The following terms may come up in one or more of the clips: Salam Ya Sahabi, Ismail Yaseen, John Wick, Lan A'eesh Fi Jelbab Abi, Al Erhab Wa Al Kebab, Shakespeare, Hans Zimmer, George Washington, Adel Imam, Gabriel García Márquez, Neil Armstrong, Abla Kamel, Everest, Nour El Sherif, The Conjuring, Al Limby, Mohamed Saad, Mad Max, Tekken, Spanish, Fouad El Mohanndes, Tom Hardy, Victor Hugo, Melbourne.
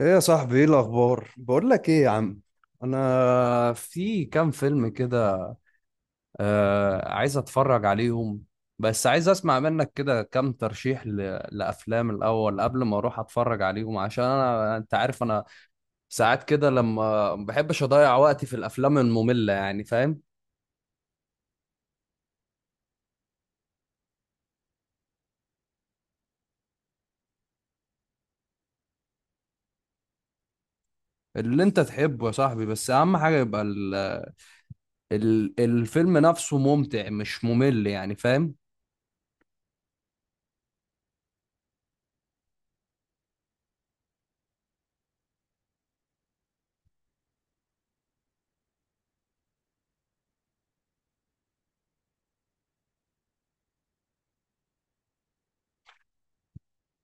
ايه يا صاحبي، ايه الاخبار؟ بقول لك ايه يا عم، انا في كام فيلم كده. آه عايز اتفرج عليهم بس عايز اسمع منك كده كام ترشيح لافلام الاول قبل ما اروح اتفرج عليهم. عشان انا انت عارف انا ساعات كده لما ما بحبش اضيع وقتي في الافلام المملة، يعني فاهم. اللي انت تحبه يا صاحبي، بس اهم حاجة يبقى الفيلم نفسه ممتع مش ممل، يعني فاهم.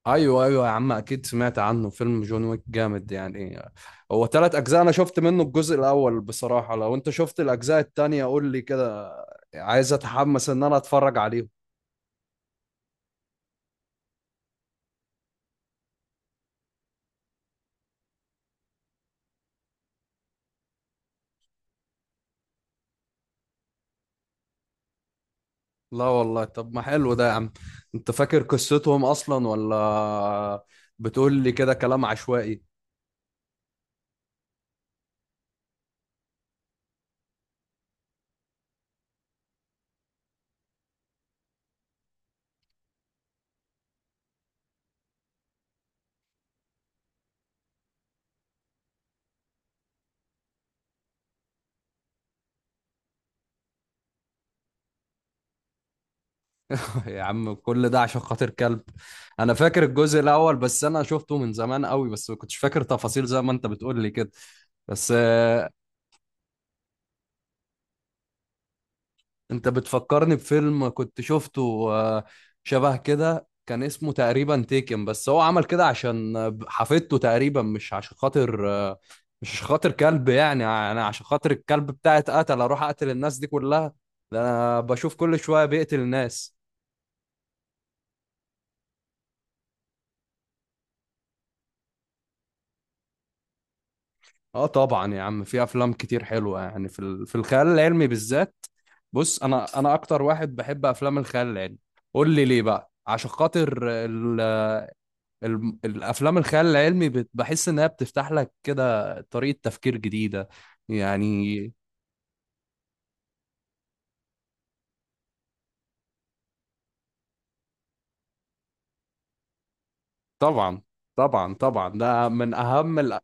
ايوه ايوه يا عم، اكيد سمعت عنه، فيلم جون ويك جامد يعني. هو ثلاث اجزاء، انا شفت منه الجزء الاول بصراحه. لو انت شفت الاجزاء التانية قول لي كده، عايز اتحمس ان انا اتفرج عليهم. لا والله، طب ما حلو ده يا عم. انت فاكر قصتهم اصلا ولا بتقول لي كده كلام عشوائي؟ يا عم كل ده عشان خاطر كلب! انا فاكر الجزء الاول بس انا شفته من زمان قوي، بس ما كنتش فاكر تفاصيل زي ما انت بتقول لي كده. بس انت بتفكرني بفيلم كنت شفته، شبه كده، كان اسمه تقريبا تيكن. بس هو عمل كده عشان حفيدته تقريبا، مش عشان خاطر، مش عشان خاطر كلب. يعني انا عشان خاطر الكلب بتاعي اتقتل اروح اقتل الناس دي كلها؟ ده انا بشوف كل شوية بيقتل الناس. اه طبعا يا عم، في افلام كتير حلوة يعني في في الخيال العلمي بالذات. بص انا اكتر واحد بحب افلام الخيال العلمي. قول لي ليه بقى؟ عشان خاطر الافلام الخيال العلمي بحس انها بتفتح لك كده طريقة تفكير جديدة يعني. طبعا طبعا طبعا، ده من اهم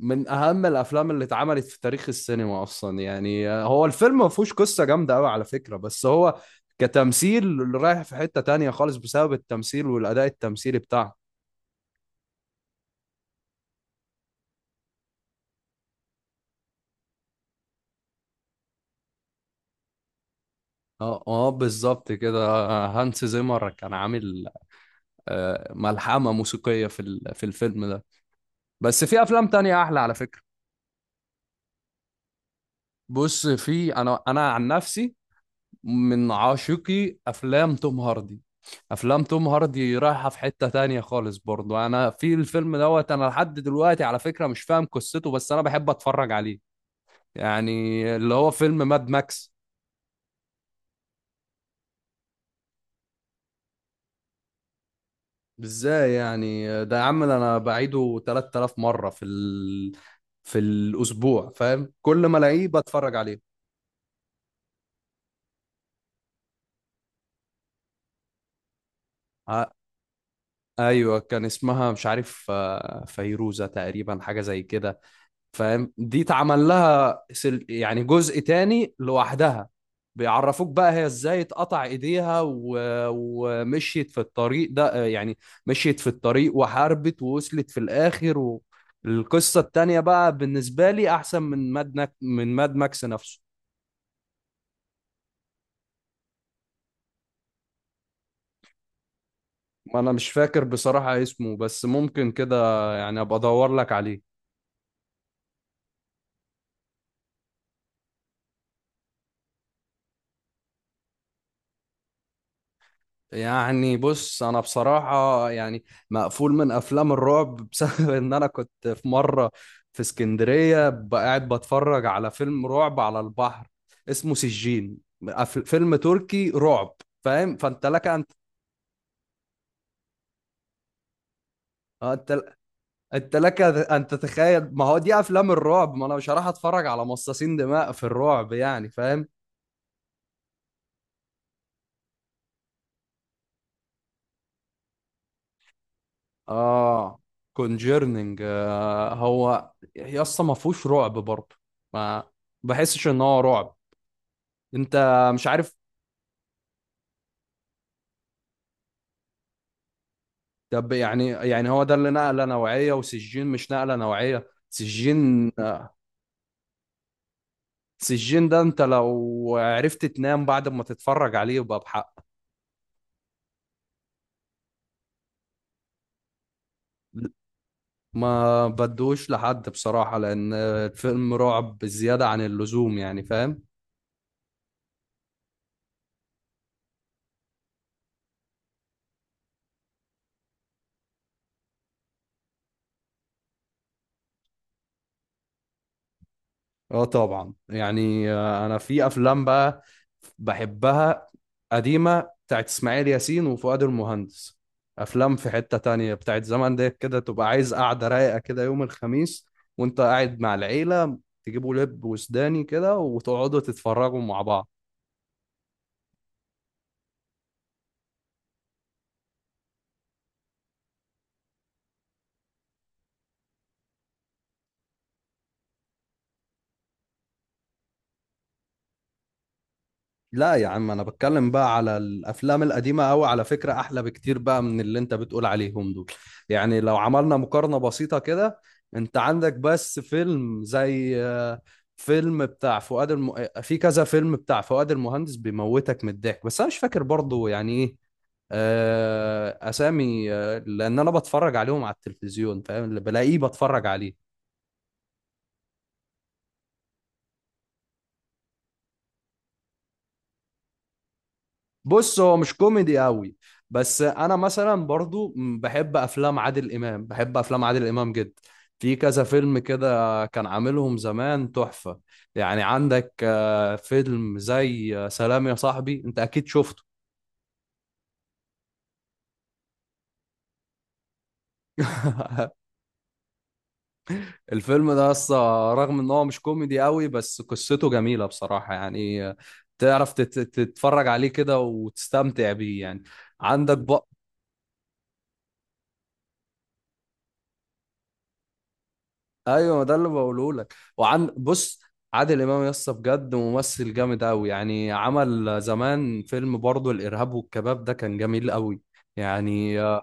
من اهم الافلام اللي اتعملت في تاريخ السينما اصلا. يعني هو الفيلم ما فيهوش قصة جامدة قوي على فكرة، بس هو كتمثيل رايح في حتة تانية خالص بسبب التمثيل والاداء التمثيلي بتاعه. اه اه بالظبط كده، هانس زيمر كان عامل، ملحمة موسيقية في في الفيلم ده. بس في افلام تانية احلى على فكرة. بص في، انا عن نفسي من عاشقي افلام توم هاردي. افلام توم هاردي رايحه في حته تانية خالص برضو. انا في الفيلم دوت انا لحد دلوقتي على فكره مش فاهم قصته بس انا بحب اتفرج عليه، يعني اللي هو فيلم ماد ماكس. ازاي يعني ده يا عم؟ ده انا بعيده 3000 مره في في الاسبوع فاهم، كل ما الاقيه بتفرج عليه. آه، ايوه كان اسمها مش عارف، فيروزه تقريبا، حاجه زي كده فاهم. دي اتعمل لها يعني جزء تاني لوحدها، بيعرفوك بقى هي ازاي اتقطع ايديها ومشيت في الطريق ده يعني. مشيت في الطريق وحاربت ووصلت في الاخر القصة التانية بقى بالنسبة لي احسن من من ماد ماكس نفسه. انا مش فاكر بصراحة اسمه بس ممكن كده يعني، ابقى ادور لك عليه يعني. بص انا بصراحه يعني مقفول من افلام الرعب بسبب ان انا كنت في مره في اسكندريه قاعد بتفرج على فيلم رعب على البحر اسمه سجين. فيلم تركي رعب فاهم، فانت لك ان، انت لك ان تتخيل. ما هو دي افلام الرعب، ما انا مش هروح اتفرج على مصاصين دماء في الرعب يعني فاهم. اه كونجيرنينج، هو يا اسطى ما فيهوش رعب برضه، ما بحسش ان هو رعب انت، مش عارف. طب يعني، هو ده اللي نقله نوعيه وسجين مش نقله نوعيه؟ سجين، سجين ده انت لو عرفت تنام بعد ما تتفرج عليه يبقى بحق. ما بدوش لحد بصراحه لان الفيلم رعب بزياده عن اللزوم يعني فاهم. اه طبعا يعني، انا في افلام بقى بحبها قديمة بتاعت اسماعيل ياسين وفؤاد المهندس. افلام في حتة تانية بتاعت زمان ديت كده، تبقى عايز قعدة رايقة كده يوم الخميس وانت قاعد مع العيلة، تجيبوا لب وسوداني كده وتقعدوا تتفرجوا مع بعض. لا يا عم، انا بتكلم بقى على الافلام القديمه قوي على فكره، احلى بكتير بقى من اللي انت بتقول عليهم دول. يعني لو عملنا مقارنه بسيطه كده، انت عندك بس فيلم زي، فيلم بتاع فؤاد الم... آه، في كذا فيلم بتاع فؤاد المهندس بيموتك من الضحك. بس انا مش فاكر برضو يعني ايه، اسامي، لان انا بتفرج عليهم على التلفزيون فاهم، اللي بلاقيه بتفرج عليه. بص هو مش كوميدي قوي، بس انا مثلا برضو بحب افلام عادل امام، بحب افلام عادل امام جدا. في كذا فيلم كده كان عاملهم زمان تحفة، يعني عندك، فيلم زي، سلام يا صاحبي، انت اكيد شفته. الفيلم ده اصلا رغم ان هو مش كوميدي قوي بس قصته جميلة بصراحة يعني، تعرف تتفرج عليه كده وتستمتع بيه يعني. عندك، ايوه ما ده اللي بقوله لك. وعن بص، عادل امام يا اسطى بجد ممثل جامد قوي، يعني عمل زمان فيلم برضه الارهاب والكباب ده كان جميل قوي يعني آه،.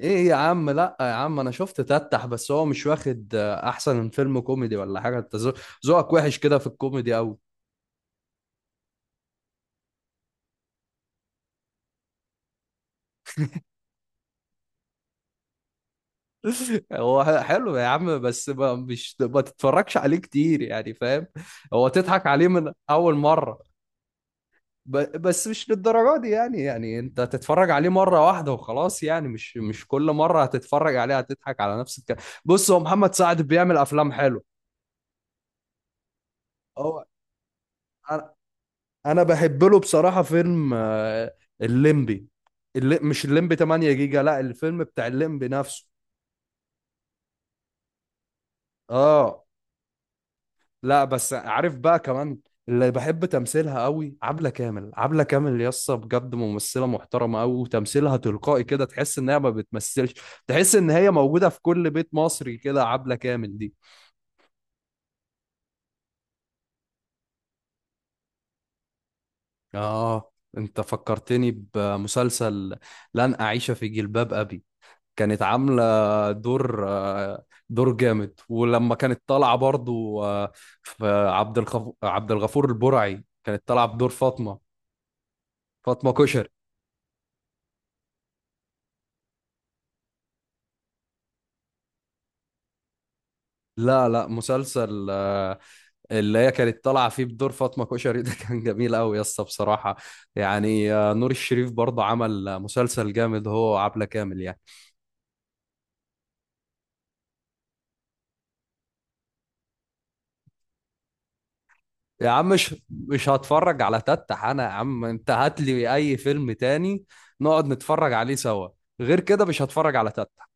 ايه يا عم، لا يا عم انا شفت تتح بس هو مش واخد، احسن فيلم كوميدي ولا حاجه. انت ذوقك وحش كده في الكوميدي قوي. هو حلو يا عم بس ما مش ما تتفرجش عليه كتير يعني فاهم، هو تضحك عليه من اول مره بس مش للدرجة دي يعني. يعني انت هتتفرج عليه مرة واحدة وخلاص، يعني مش كل مرة هتتفرج عليه هتضحك على نفس الكلام. بص هو محمد سعد بيعمل افلام حلوة. هو انا انا بحب له بصراحة فيلم، الليمبي، اللي مش الليمبي 8 جيجا، لا الفيلم بتاع الليمبي نفسه. اه لا بس عارف بقى كمان، اللي بحب تمثيلها قوي عبلة كامل. عبلة كامل يسطا بجد ممثلة محترمة قوي وتمثيلها تلقائي كده، تحس ان هي ما بتمثلش، تحس ان هي موجودة في كل بيت مصري كده عبلة كامل دي. اه انت فكرتني بمسلسل لن أعيش في جلباب أبي، كانت عاملة دور، دور جامد. ولما كانت طالعة برضو، في عبد الغفور البرعي كانت طالعة بدور فاطمة، فاطمة كشري. لا لا مسلسل، اللي هي كانت طالعه فيه بدور فاطمه كشري ده كان جميل قوي يا اسطى بصراحه يعني، نور الشريف برضه عمل، مسلسل جامد هو وعبله كامل يعني. يا عم مش هتفرج على تتح، انا يا عم انت هات لي اي فيلم تاني نقعد نتفرج عليه سوا، غير كده مش هتفرج على تتح.